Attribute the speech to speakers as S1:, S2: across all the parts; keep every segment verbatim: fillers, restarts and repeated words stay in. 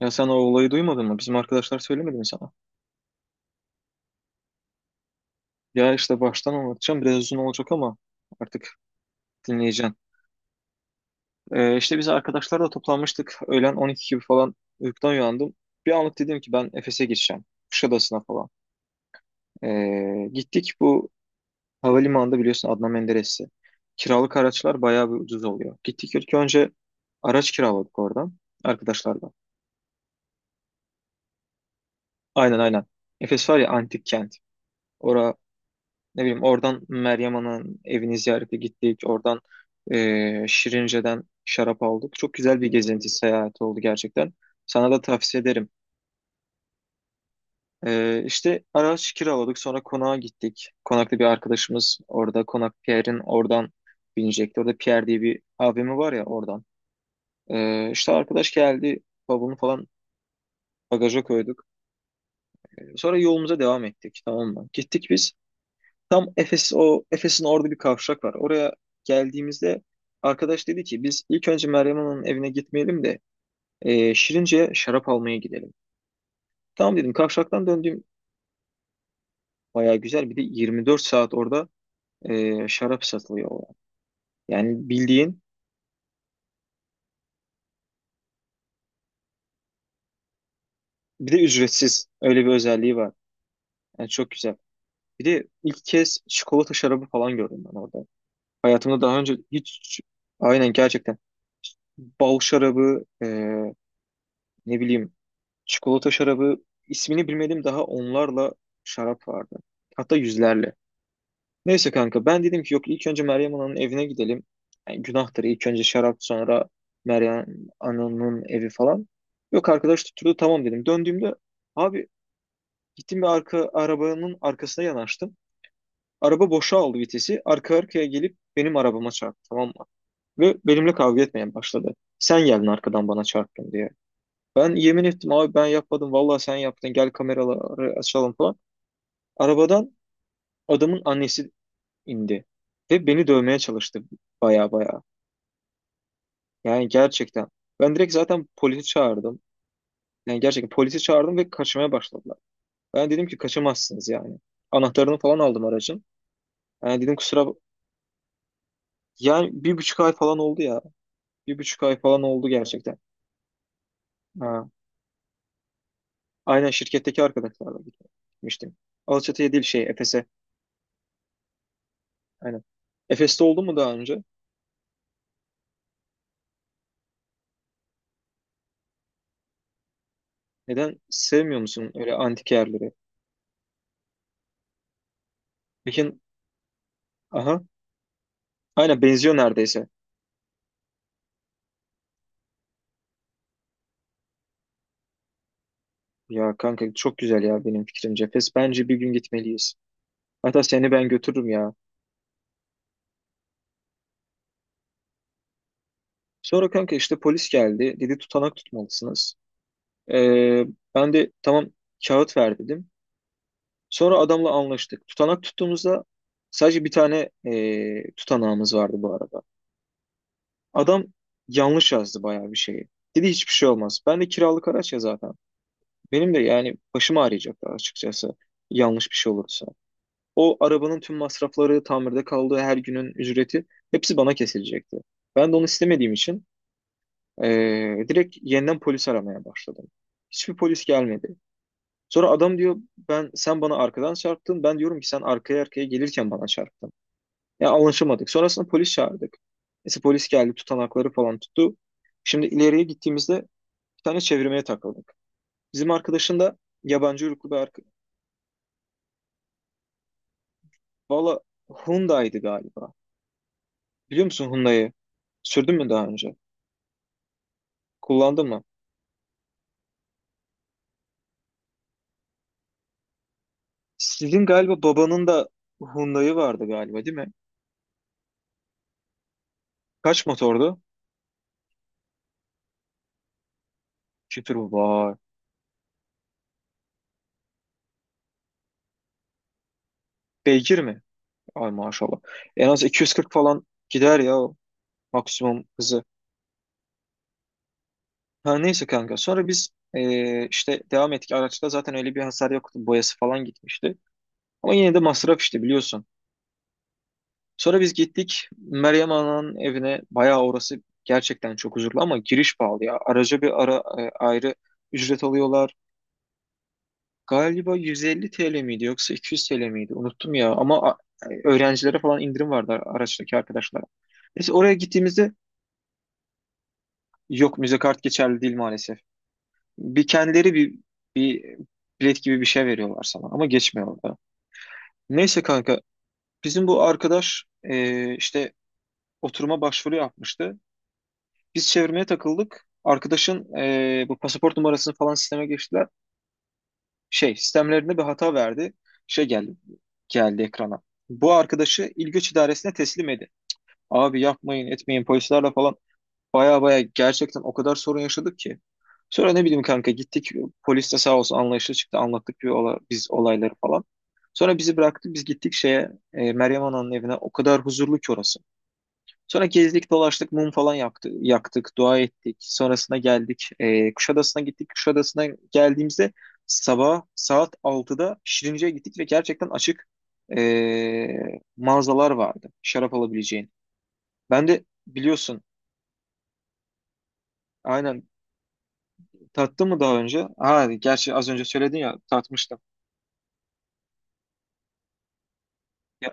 S1: Ya sen o olayı duymadın mı? Bizim arkadaşlar söylemedi mi sana? Ya işte baştan anlatacağım. Biraz uzun olacak ama artık dinleyeceğim. Ee, işte biz arkadaşlarla toplanmıştık. Öğlen on iki gibi falan uykudan uyandım. Bir anlık dedim ki ben Efes'e gideceğim. Kuşadası'na falan. Ee, gittik bu havalimanında biliyorsun Adnan Menderes'i. Kiralık araçlar bayağı bir ucuz oluyor. Gittik ilk önce araç kiraladık oradan. Arkadaşlarla. Aynen aynen. Efes var ya antik kent. Ora Ne bileyim oradan Meryem Ana'nın evini ziyarete gittik. Oradan e, Şirince'den şarap aldık. Çok güzel bir gezinti seyahat oldu gerçekten. Sana da tavsiye ederim. E, işte araç kiraladık. Sonra konağa gittik. Konakta bir arkadaşımız orada. Konak Pierre'in oradan binecekti. Orada Pierre diye bir abimi var ya oradan. E, işte arkadaş geldi. Bavulunu falan bagaja koyduk. Sonra yolumuza devam ettik, tamam mı? Gittik biz. Tam Efes, o Efes'in orada bir kavşak var. Oraya geldiğimizde arkadaş dedi ki biz ilk önce Meryem Ana'nın evine gitmeyelim de e, Şirince'ye şarap almaya gidelim. Tamam dedim kavşaktan döndüğüm baya güzel, bir de yirmi dört saat orada e, şarap satılıyor orada. Yani bildiğin, bir de ücretsiz öyle bir özelliği var. Yani çok güzel. Bir de ilk kez çikolata şarabı falan gördüm ben orada. Hayatımda daha önce hiç, aynen gerçekten bal şarabı, e, ne bileyim, çikolata şarabı, ismini bilmediğim daha onlarla şarap vardı. Hatta yüzlerle. Neyse kanka ben dedim ki yok, ilk önce Meryem Ana'nın evine gidelim. Yani günahtır ilk önce şarap sonra Meryem Ana'nın evi falan. Yok, arkadaş tutturdu, tamam dedim. Döndüğümde abi gittim bir arka arabanın arkasına yanaştım. Araba boşa aldı vitesi. Arka arkaya gelip benim arabama çarptı, tamam mı? Ve benimle kavga etmeye başladı. Sen geldin arkadan bana çarptın diye. Ben yemin ettim abi, ben yapmadım. Vallahi sen yaptın. Gel kameraları açalım falan. Arabadan adamın annesi indi. Ve beni dövmeye çalıştı baya baya. Yani gerçekten. Ben direkt zaten polisi çağırdım. Yani gerçekten polisi çağırdım ve kaçmaya başladılar. Ben dedim ki kaçamazsınız yani. Anahtarını falan aldım aracın. Yani dedim kusura... bak- Yani bir buçuk ay falan oldu ya. Bir buçuk ay falan oldu gerçekten. Ha. Aynen şirketteki arkadaşlarla gitmiştim. Alaçatı'ya değil şey, Efes'e. Aynen. Efes'te oldu mu daha önce? Neden sevmiyor musun öyle antik yerleri? Peki, aha, aynen benziyor neredeyse. Ya kanka çok güzel ya, benim fikrimce. Fes bence bir gün gitmeliyiz. Hatta seni ben götürürüm ya. Sonra kanka işte polis geldi. Dedi tutanak tutmalısınız. Ee, ben de tamam, kağıt ver dedim. Sonra adamla anlaştık. Tutanak tuttuğumuzda sadece bir tane ee, tutanağımız vardı bu arada. Adam yanlış yazdı bayağı bir şeyi. Dedi hiçbir şey olmaz. Ben de kiralık araç ya zaten. Benim de yani başım ağrıyacak açıkçası yanlış bir şey olursa. O arabanın tüm masrafları, tamirde kaldığı her günün ücreti, hepsi bana kesilecekti. Ben de onu istemediğim için eee, direkt yeniden polis aramaya başladım. Hiçbir polis gelmedi. Sonra adam diyor ben, sen bana arkadan çarptın. Ben diyorum ki sen arkaya arkaya gelirken bana çarptın. Ya anlaşamadık. Sonrasında polis çağırdık. Neyse polis geldi, tutanakları falan tuttu. Şimdi ileriye gittiğimizde bir tane çevirmeye takıldık. Bizim arkadaşın da yabancı uyruklu bir arkadaş. Valla Hyundai'di galiba. Biliyor musun Hyundai'yi? Sürdün mü daha önce? Kullandın mı? Sizin galiba babanın da Hyundai'yi vardı galiba, değil mi? Kaç motordu? Kütür var. Beygir mi? Ay maşallah. En az iki yüz kırk falan gider ya o, maksimum hızı. Ha neyse kanka. Sonra biz eee, işte devam ettik. Araçta zaten öyle bir hasar yoktu. Boyası falan gitmişti. Ama yine de masraf işte biliyorsun. Sonra biz gittik Meryem Ana'nın evine. Bayağı orası gerçekten çok huzurlu ama giriş pahalı ya. Araca bir ara, e, ayrı ücret alıyorlar. Galiba yüz elli T L miydi yoksa iki yüz T L miydi? Unuttum ya ama a- öğrencilere falan indirim vardı araçtaki arkadaşlara. Neyse oraya gittiğimizde yok, müze kart geçerli değil maalesef. Bir kendileri bir, bir bilet gibi bir şey veriyorlar sana ama geçmiyor da. Neyse kanka bizim bu arkadaş e, işte oturuma başvuru yapmıştı. Biz çevirmeye takıldık. Arkadaşın e, bu pasaport numarasını falan sisteme geçtiler. Şey, sistemlerinde bir hata verdi. Şey geldi, geldi ekrana. Bu arkadaşı İl Göç İdaresi'ne teslim edin. Abi yapmayın, etmeyin polislerle falan. Baya baya gerçekten o kadar sorun yaşadık ki. Sonra ne bileyim kanka gittik. Polis de sağ olsun anlayışlı çıktı. Anlattık bir ola- biz olayları falan. Sonra bizi bıraktı. Biz gittik şeye, e, Meryem Ana'nın evine. O kadar huzurlu ki orası. Sonra gezdik, dolaştık, mum falan yaktı, yaktık, dua ettik. Sonrasında geldik. E, Kuşadası'na gittik. Kuşadası'na geldiğimizde sabah saat altıda Şirince'ye gittik ve gerçekten açık e, mağazalar vardı şarap alabileceğin. Ben de biliyorsun aynen, tattım mı daha önce? Ha, gerçi az önce söyledin ya, tatmıştım. Ya,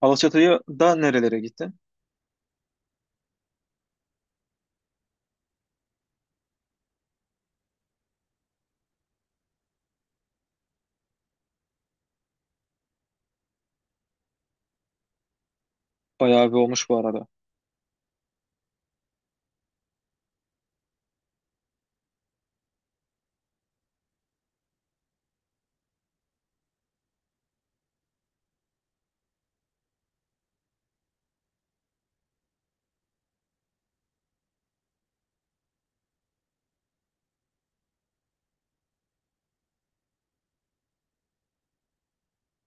S1: Alaçatı'ya da nerelere gittin? Bayağı bir olmuş bu arada.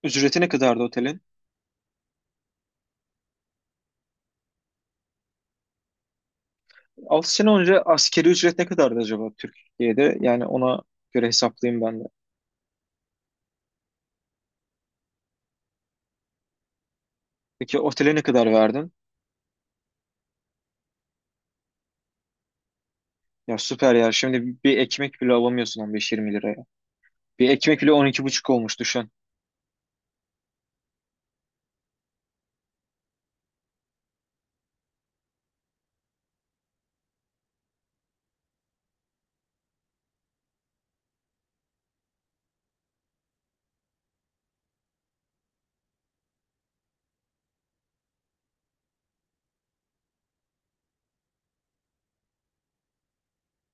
S1: Ücreti ne kadardı otelin? altı sene önce askeri ücret ne kadardı acaba Türkiye'de? Yani ona göre hesaplayayım ben de. Peki otele ne kadar verdin? Ya süper ya. Şimdi bir ekmek bile alamıyorsun on beş yirmi liraya. Bir ekmek bile on iki buçuk olmuş, düşün.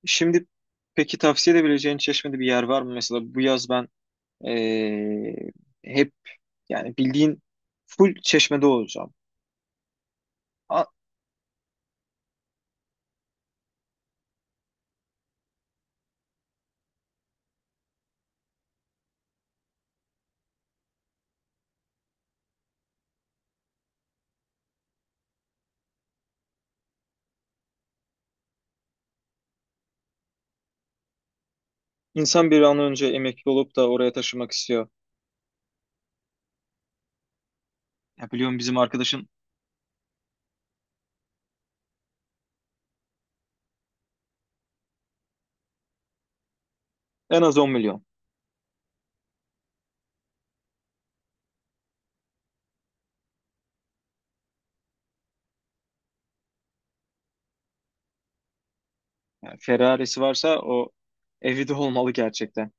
S1: Şimdi peki tavsiye edebileceğin Çeşme'de bir yer var mı? Mesela bu yaz ben, eee, hep yani bildiğin full Çeşme'de olacağım. A- İnsan bir an önce emekli olup da oraya taşımak istiyor. Ya biliyorum bizim arkadaşın en az on milyon. Yani Ferrari'si varsa o evi de olmalı gerçekten.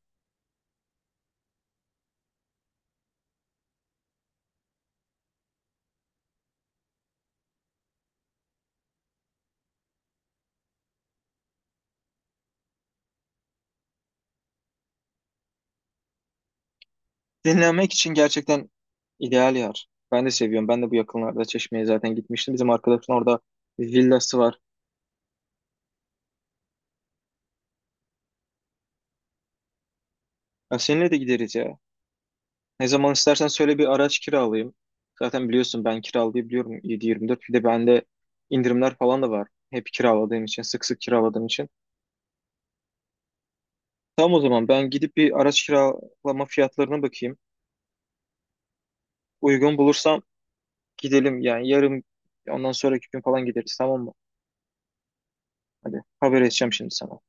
S1: Dinlenmek için gerçekten ideal yer. Ben de seviyorum. Ben de bu yakınlarda Çeşme'ye zaten gitmiştim. Bizim arkadaşın orada bir villası var. Ya seninle de gideriz ya. Ne zaman istersen söyle, bir araç kiralayayım. Zaten biliyorsun ben kiralayabiliyorum yedi yirmi dört. Bir de bende indirimler falan da var. Hep kiraladığım için, sık sık kiraladığım için. Tamam o zaman ben gidip bir araç kiralama fiyatlarına bakayım. Uygun bulursam gidelim yani yarın ondan sonraki gün falan gideriz, tamam mı? Hadi haber edeceğim şimdi sana.